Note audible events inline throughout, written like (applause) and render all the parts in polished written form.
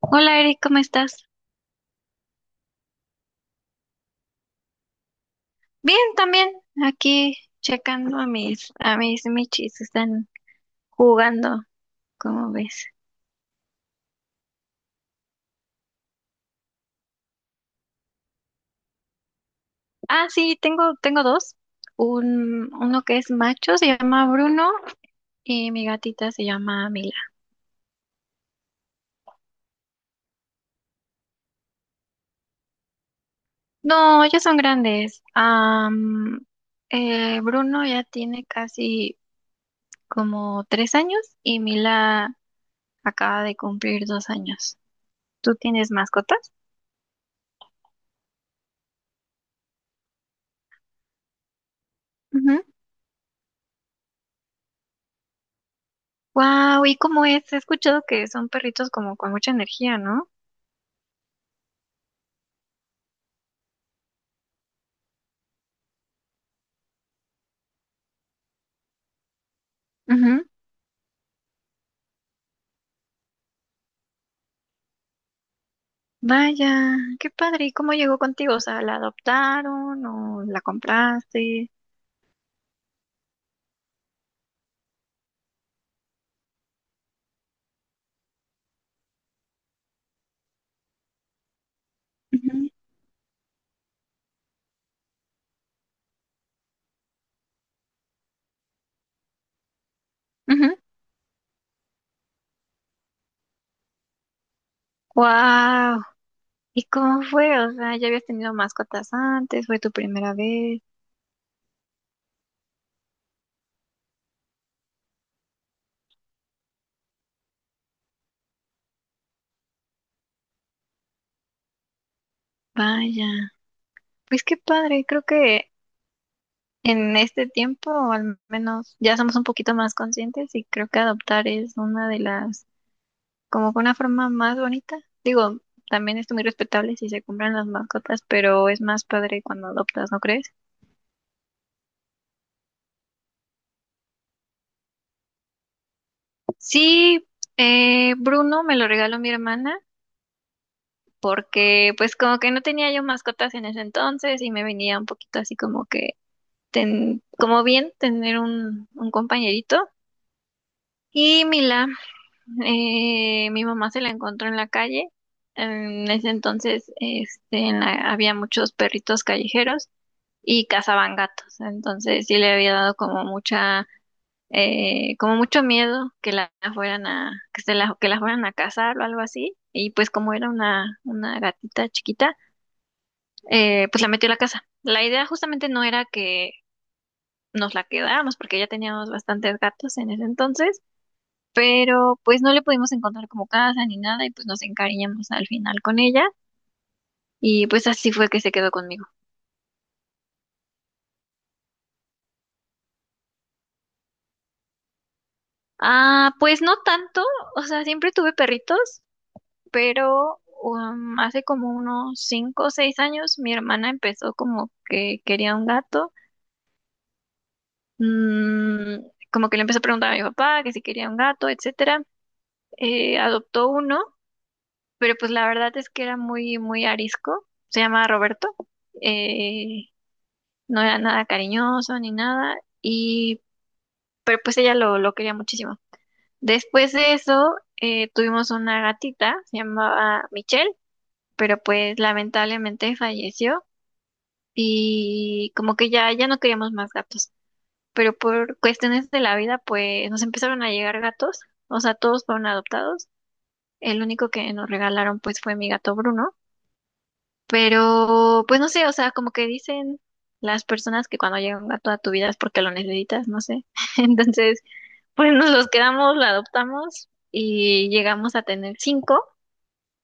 Hola Eric, ¿cómo estás? Bien, también aquí checando a mis michis, están jugando, ¿cómo ves? Ah, sí, tengo dos. Un uno que es macho se llama Bruno y mi gatita se llama Mila. No, ya son grandes. Bruno ya tiene casi como 3 años y Mila acaba de cumplir 2 años. ¿Tú tienes mascotas? Wow, ¿y cómo es? He escuchado que son perritos como con mucha energía, ¿no? Ujú. Vaya, qué padre. ¿Y cómo llegó contigo? O sea, ¿la adoptaron o la compraste? Ujú, ujú. Wow. ¿Y cómo fue? O sea, ¿ya habías tenido mascotas antes? ¿Fue tu primera vez? Vaya. Pues qué padre. Creo que en este tiempo, al menos, ya somos un poquito más conscientes y creo que adoptar es una de las como con una forma más bonita. Digo, también es muy respetable si se compran las mascotas, pero es más padre cuando adoptas, ¿no crees? Sí, Bruno me lo regaló mi hermana porque pues como que no tenía yo mascotas en ese entonces y me venía un poquito así como que, como bien tener un compañerito. Y Mila, mi mamá se la encontró en la calle. En ese entonces, este, había muchos perritos callejeros y cazaban gatos. Entonces sí le había dado como mucho miedo que la fueran a cazar o algo así. Y pues como era una gatita chiquita, pues la metió a la casa. La idea justamente no era que nos la quedáramos, porque ya teníamos bastantes gatos en ese entonces, pero pues no le pudimos encontrar como casa ni nada, y pues nos encariñamos al final con ella. Y pues así fue que se quedó conmigo. Ah, pues no tanto, o sea, siempre tuve perritos, pero hace como unos 5 o 6 años mi hermana empezó como que quería un gato. Mm, como que le empezó a preguntar a mi papá que si quería un gato, etcétera. Adoptó uno, pero pues la verdad es que era muy, muy arisco, se llamaba Roberto. Eh, no era nada cariñoso ni nada, y pero pues ella lo quería muchísimo. Después de eso, tuvimos una gatita, se llamaba Michelle, pero pues lamentablemente falleció y como que ya no queríamos más gatos. Pero por cuestiones de la vida, pues nos empezaron a llegar gatos, o sea, todos fueron adoptados. El único que nos regalaron, pues, fue mi gato Bruno. Pero, pues no sé, o sea, como que dicen las personas que cuando llega un gato a tu vida es porque lo necesitas, no sé. (laughs) Entonces, pues nos los quedamos, lo adoptamos y llegamos a tener cinco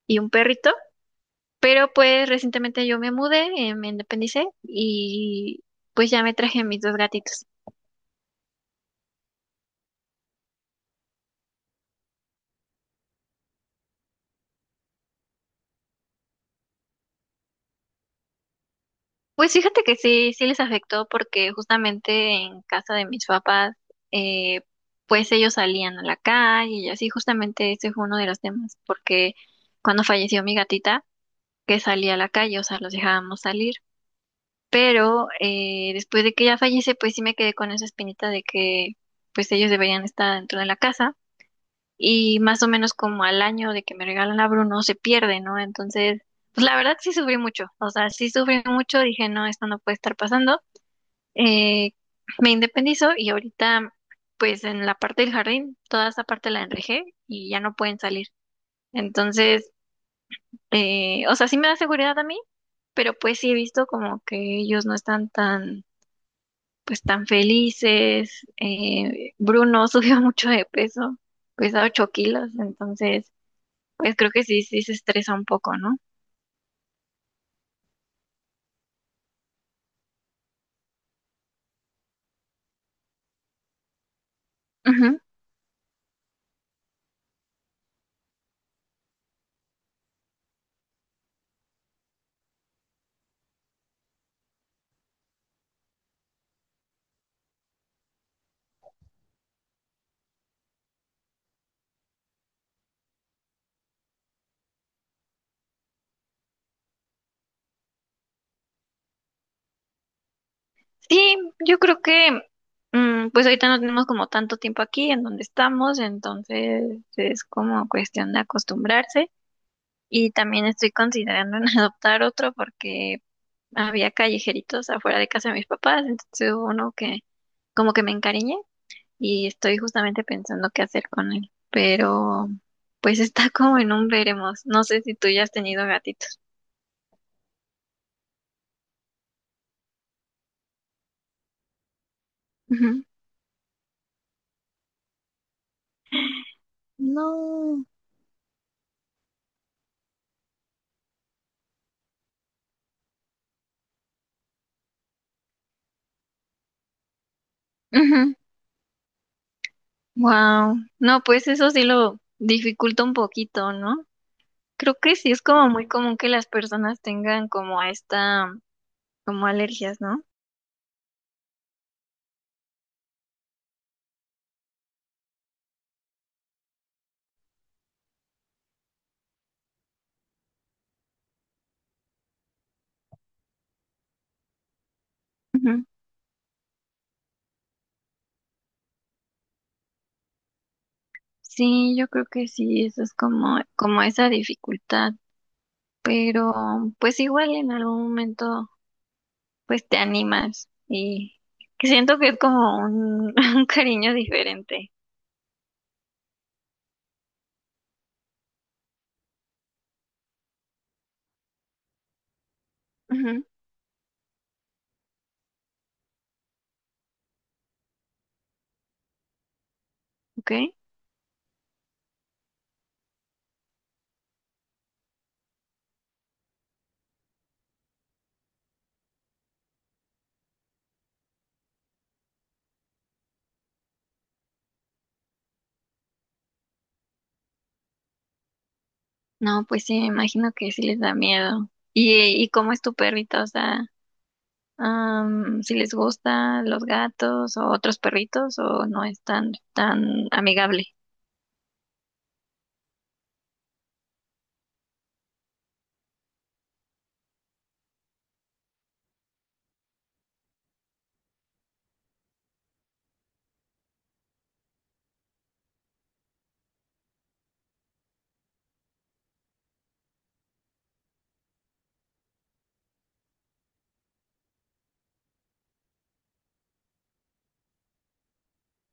y un perrito. Pero pues recientemente yo me mudé, me independicé y pues ya me traje a mis dos gatitos. Pues fíjate que sí, sí les afectó porque justamente en casa de mis papás, eh, pues ellos salían a la calle y así, justamente ese fue uno de los temas, porque cuando falleció mi gatita, que salía a la calle, o sea, los dejábamos salir. Pero después de que ella fallece, pues sí me quedé con esa espinita de que pues ellos deberían estar dentro de la casa y más o menos como al año de que me regalan la Bruno se pierde, ¿no? Entonces, pues la verdad sí sufrí mucho, o sea, sí sufrí mucho, dije, no, esto no puede estar pasando. Eh, Me independizo y ahorita, pues en la parte del jardín, toda esa parte la enrejé y ya no pueden salir. Entonces, o sea, sí me da seguridad a mí, pero pues sí he visto como que ellos no están tan, pues tan felices. Bruno (laughs) subió mucho de peso, pesa 8 kilos, entonces pues creo que sí, sí se estresa un poco, ¿no? Ujú. Sí, yo creo que pues ahorita no tenemos como tanto tiempo aquí en donde estamos, entonces es como cuestión de acostumbrarse y también estoy considerando en (laughs) adoptar otro porque había callejeritos afuera de casa de mis papás, entonces hubo uno que como que me encariñé y estoy justamente pensando qué hacer con él, pero pues (laughs) está como en un veremos, no sé si tú ya has tenido gatitos. Ujú. No. Ujú. Wow. No, pues eso sí lo dificulta un poquito, ¿no? Creo que sí es como muy común que las personas tengan como a esta, como alergias, ¿no? Ujú. Sí, yo creo que sí, eso es como esa dificultad, pero pues igual en algún momento pues te animas y que siento que es como un, (laughs) un cariño diferente. Ujú. ¿Ok? No, pues sí, me imagino que sí les da miedo. ¿Y cómo es tu perrita? O sea, si les gustan los gatos o otros perritos o no es tan, tan amigable.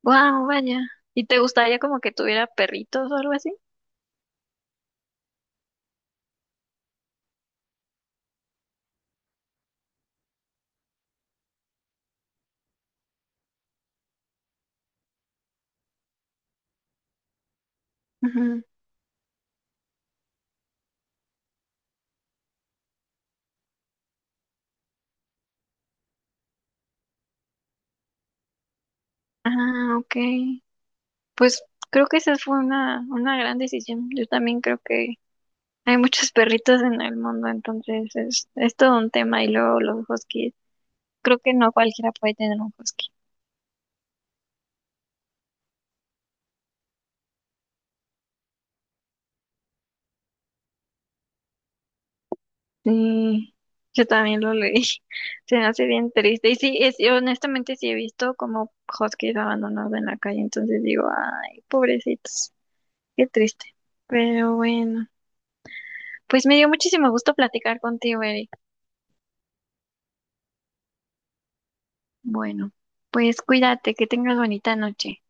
Wow, vaya. ¿Y te gustaría como que tuviera perritos o algo así? Ujú. Ah, ok. Pues creo que esa fue una gran decisión. Yo también creo que hay muchos (laughs) perritos en el mundo, entonces es todo un tema y luego los huskies. Creo que no cualquiera puede tener un husky. Sí, yo también lo leí. (laughs) Se me hace bien triste. Y sí, y honestamente sí he visto como huskies abandonados en la calle. Entonces digo, ay, pobrecitos, qué triste. Pero bueno, pues me dio muchísimo gusto platicar contigo, Eric. Bueno, pues cuídate, que tengas bonita noche.